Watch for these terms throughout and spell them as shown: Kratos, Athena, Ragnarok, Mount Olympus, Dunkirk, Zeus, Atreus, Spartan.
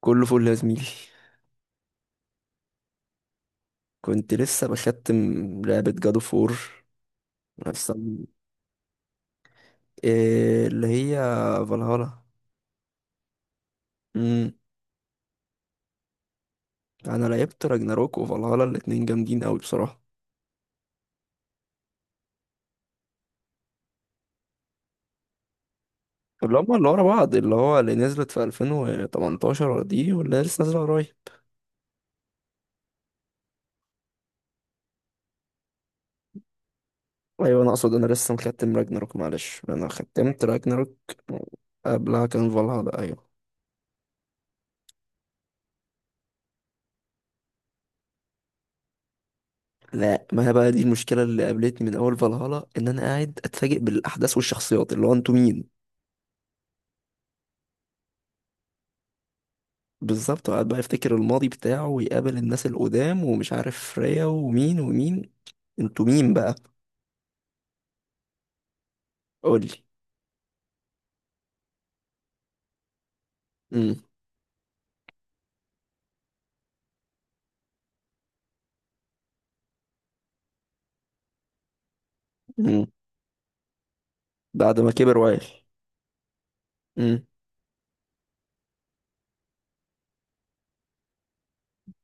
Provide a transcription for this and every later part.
كله فل يا زميلي. كنت لسه بختم لعبة جادو فور. إيه اللي هي؟ فالهالا. امم انا لعبت راجناروك وفالهالا، الاتنين جامدين قوي بصراحة. اللي هما اللي ورا بعض، اللي هو اللي نزلت في 2018 دي واللي لسه نازلة قريب. ايوه، انا اقصد انا لسه مختم راجناروك، معلش انا ختمت راجناروك قبلها كان فالهالا، ايوه. لا، ما هي بقى دي المشكلة اللي قابلتني من أول فالهالا، إن أنا قاعد أتفاجئ بالأحداث والشخصيات، اللي هو أنتوا مين؟ بالظبط، وقعد بقى يفتكر الماضي بتاعه ويقابل الناس القدام ومش عارف ريا ومين ومين. انتوا مين بقى. قولي. امم امم بعد ما كبر وعي. امم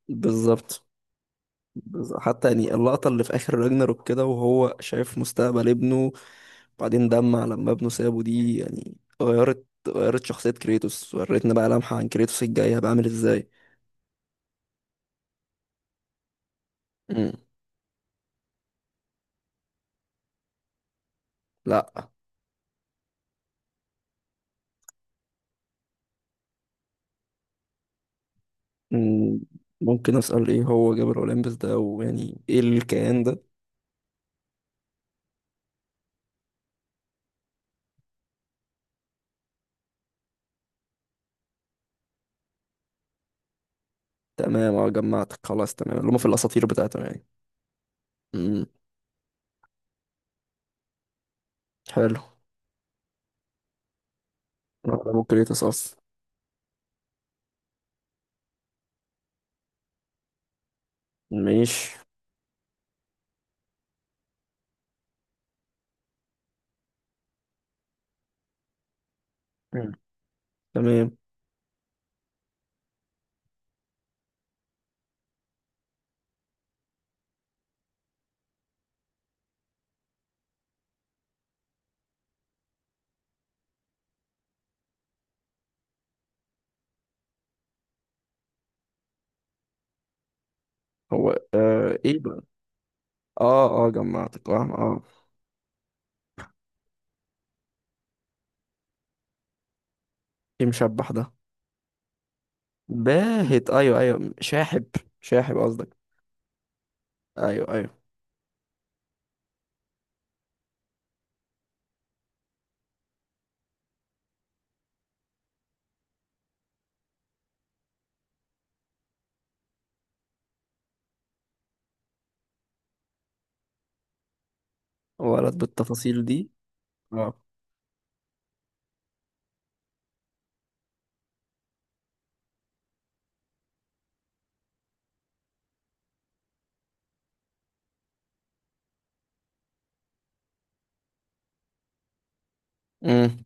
بالظبط. بالظبط. حتى يعني اللقطة اللي في آخر راجناروك كده وهو شايف مستقبل ابنه، بعدين دمع لما ابنه سابه، دي يعني غيرت شخصية كريتوس، وريتنا بقى لمحة عن كريتوس الجاي هيبقى عامل ازاي. امم لا. امم ممكن أسأل ايه هو جبل أولمبس ده ويعني ايه الكيان ده؟ تمام، اه جمعتك، خلاص تمام، اللي هم في الاساطير بتاعتهم يعني. امم حلو. ممكن يتصاص. ماشي. مم. تمام. هو ايه بقى. اه اه جمعتك، اه اه. ايه مشبح ده؟ باهت، ايوه ايوه، شاحب. شاحب قصدك. ايوه ايوه. ولد بالتفاصيل دي. اه. امم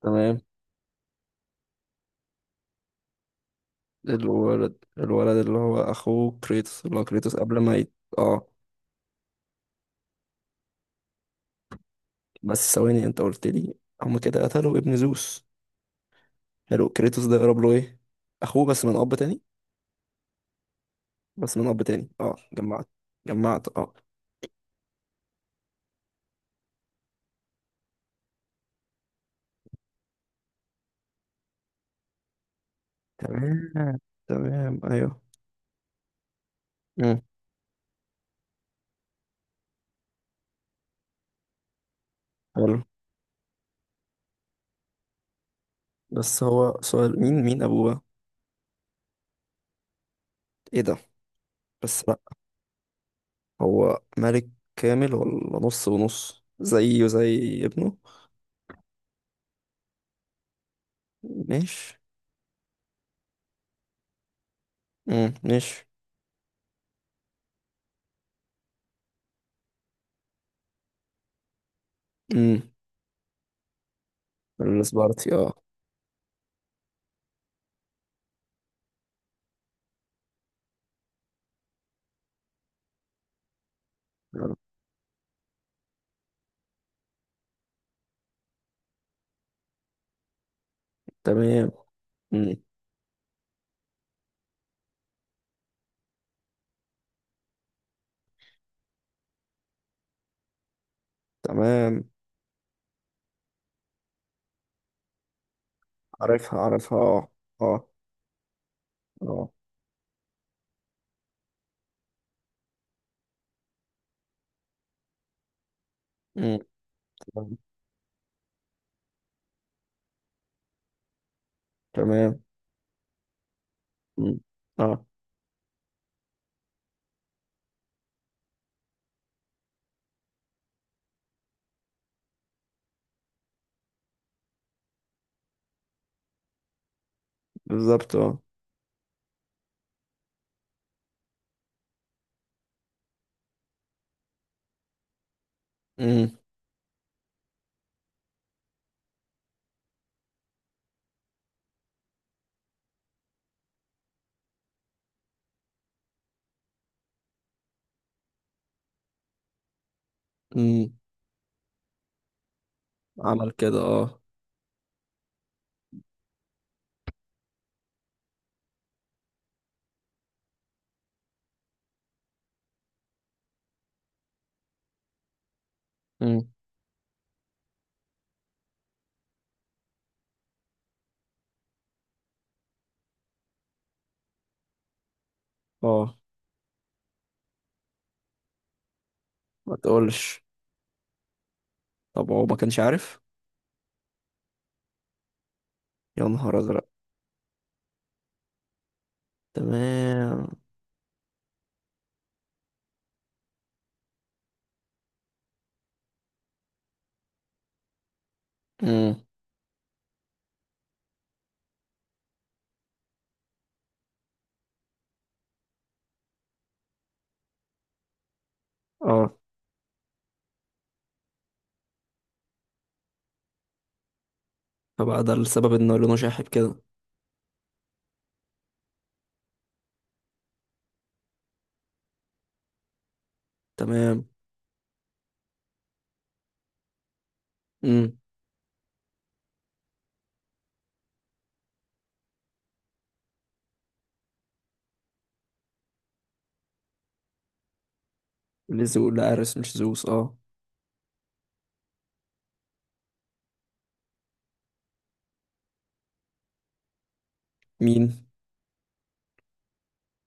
تمام. الولد، الولد اللي هو كريتوس قبل ما اه. بس ثواني، انت قلت لي هم كده قتلوا ابن زوس. حلو، كريتوس ده يقرب له ايه؟ اخوه بس من اب تاني. بس من اب تاني، اه جمعت. جمعت، اه. تمام. تمام ايوه. امم حلو. بس هو سؤال، مين ابوه بقى؟ ايه ده. بس بقى، هو ملك كامل ولا نص ونص زيه زي ابنه؟ ماشي. ماشي. امم السبارتي اه. حلو. تمام. امم تمام. عارفها عارفها، اه. اه اه. امم تمام. تمام. امم اه. بالظبط، اه. امم امم عمل كده، اه. امم اه. ما تقولش. طب هو ما كانش عارف؟ يا نهار ازرق. تمام. امم اه. فبقى ده السبب ان لونه شاحب كده. تمام. امم لزو لأرس مش زوس، اه. مين؟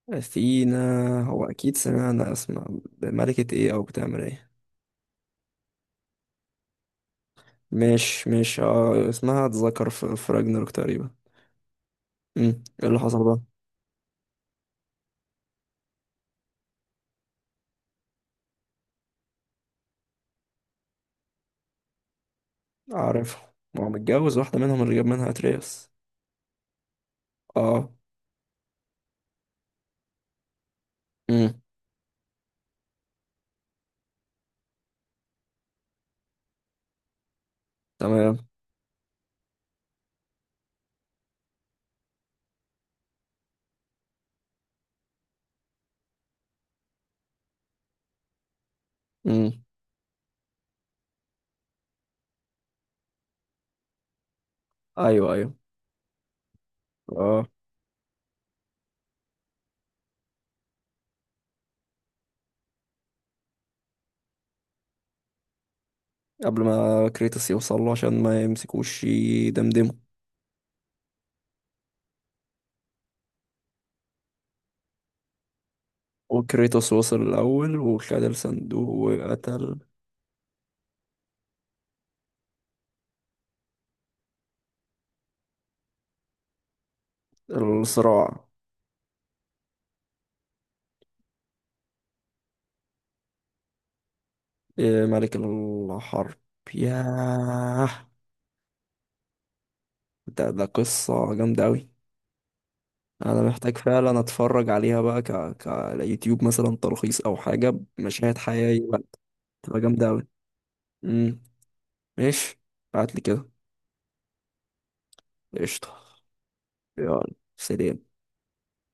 اثينا. هو اكيد سمعنا اسمع. ملكة ايه او بتعمل ايه؟ مش مش، اه اسمها اتذكر في في راجناروك تقريبا. ايه اللي حصل بقى؟ عارف. ما هو متجوز واحدة منهم اللي جاب منها اترياس. اه. امم تمام. امم ايوه ايوه، اه. قبل ما كريتوس يوصل له عشان ما يمسكوش يدمدمه. وكريتوس وصل الاول وخد الصندوق وقتل. الصراع. إيه، ملك الحرب. ياه. ده ده قصة جامدة أوي. أنا محتاج فعلا أتفرج عليها بقى كيوتيوب مثلا تلخيص أو حاجة بمشاهد حقيقية بقى. تبقى جامدة أوي. امم ماشي. بعتلي كده. قشطة. يلا سلام.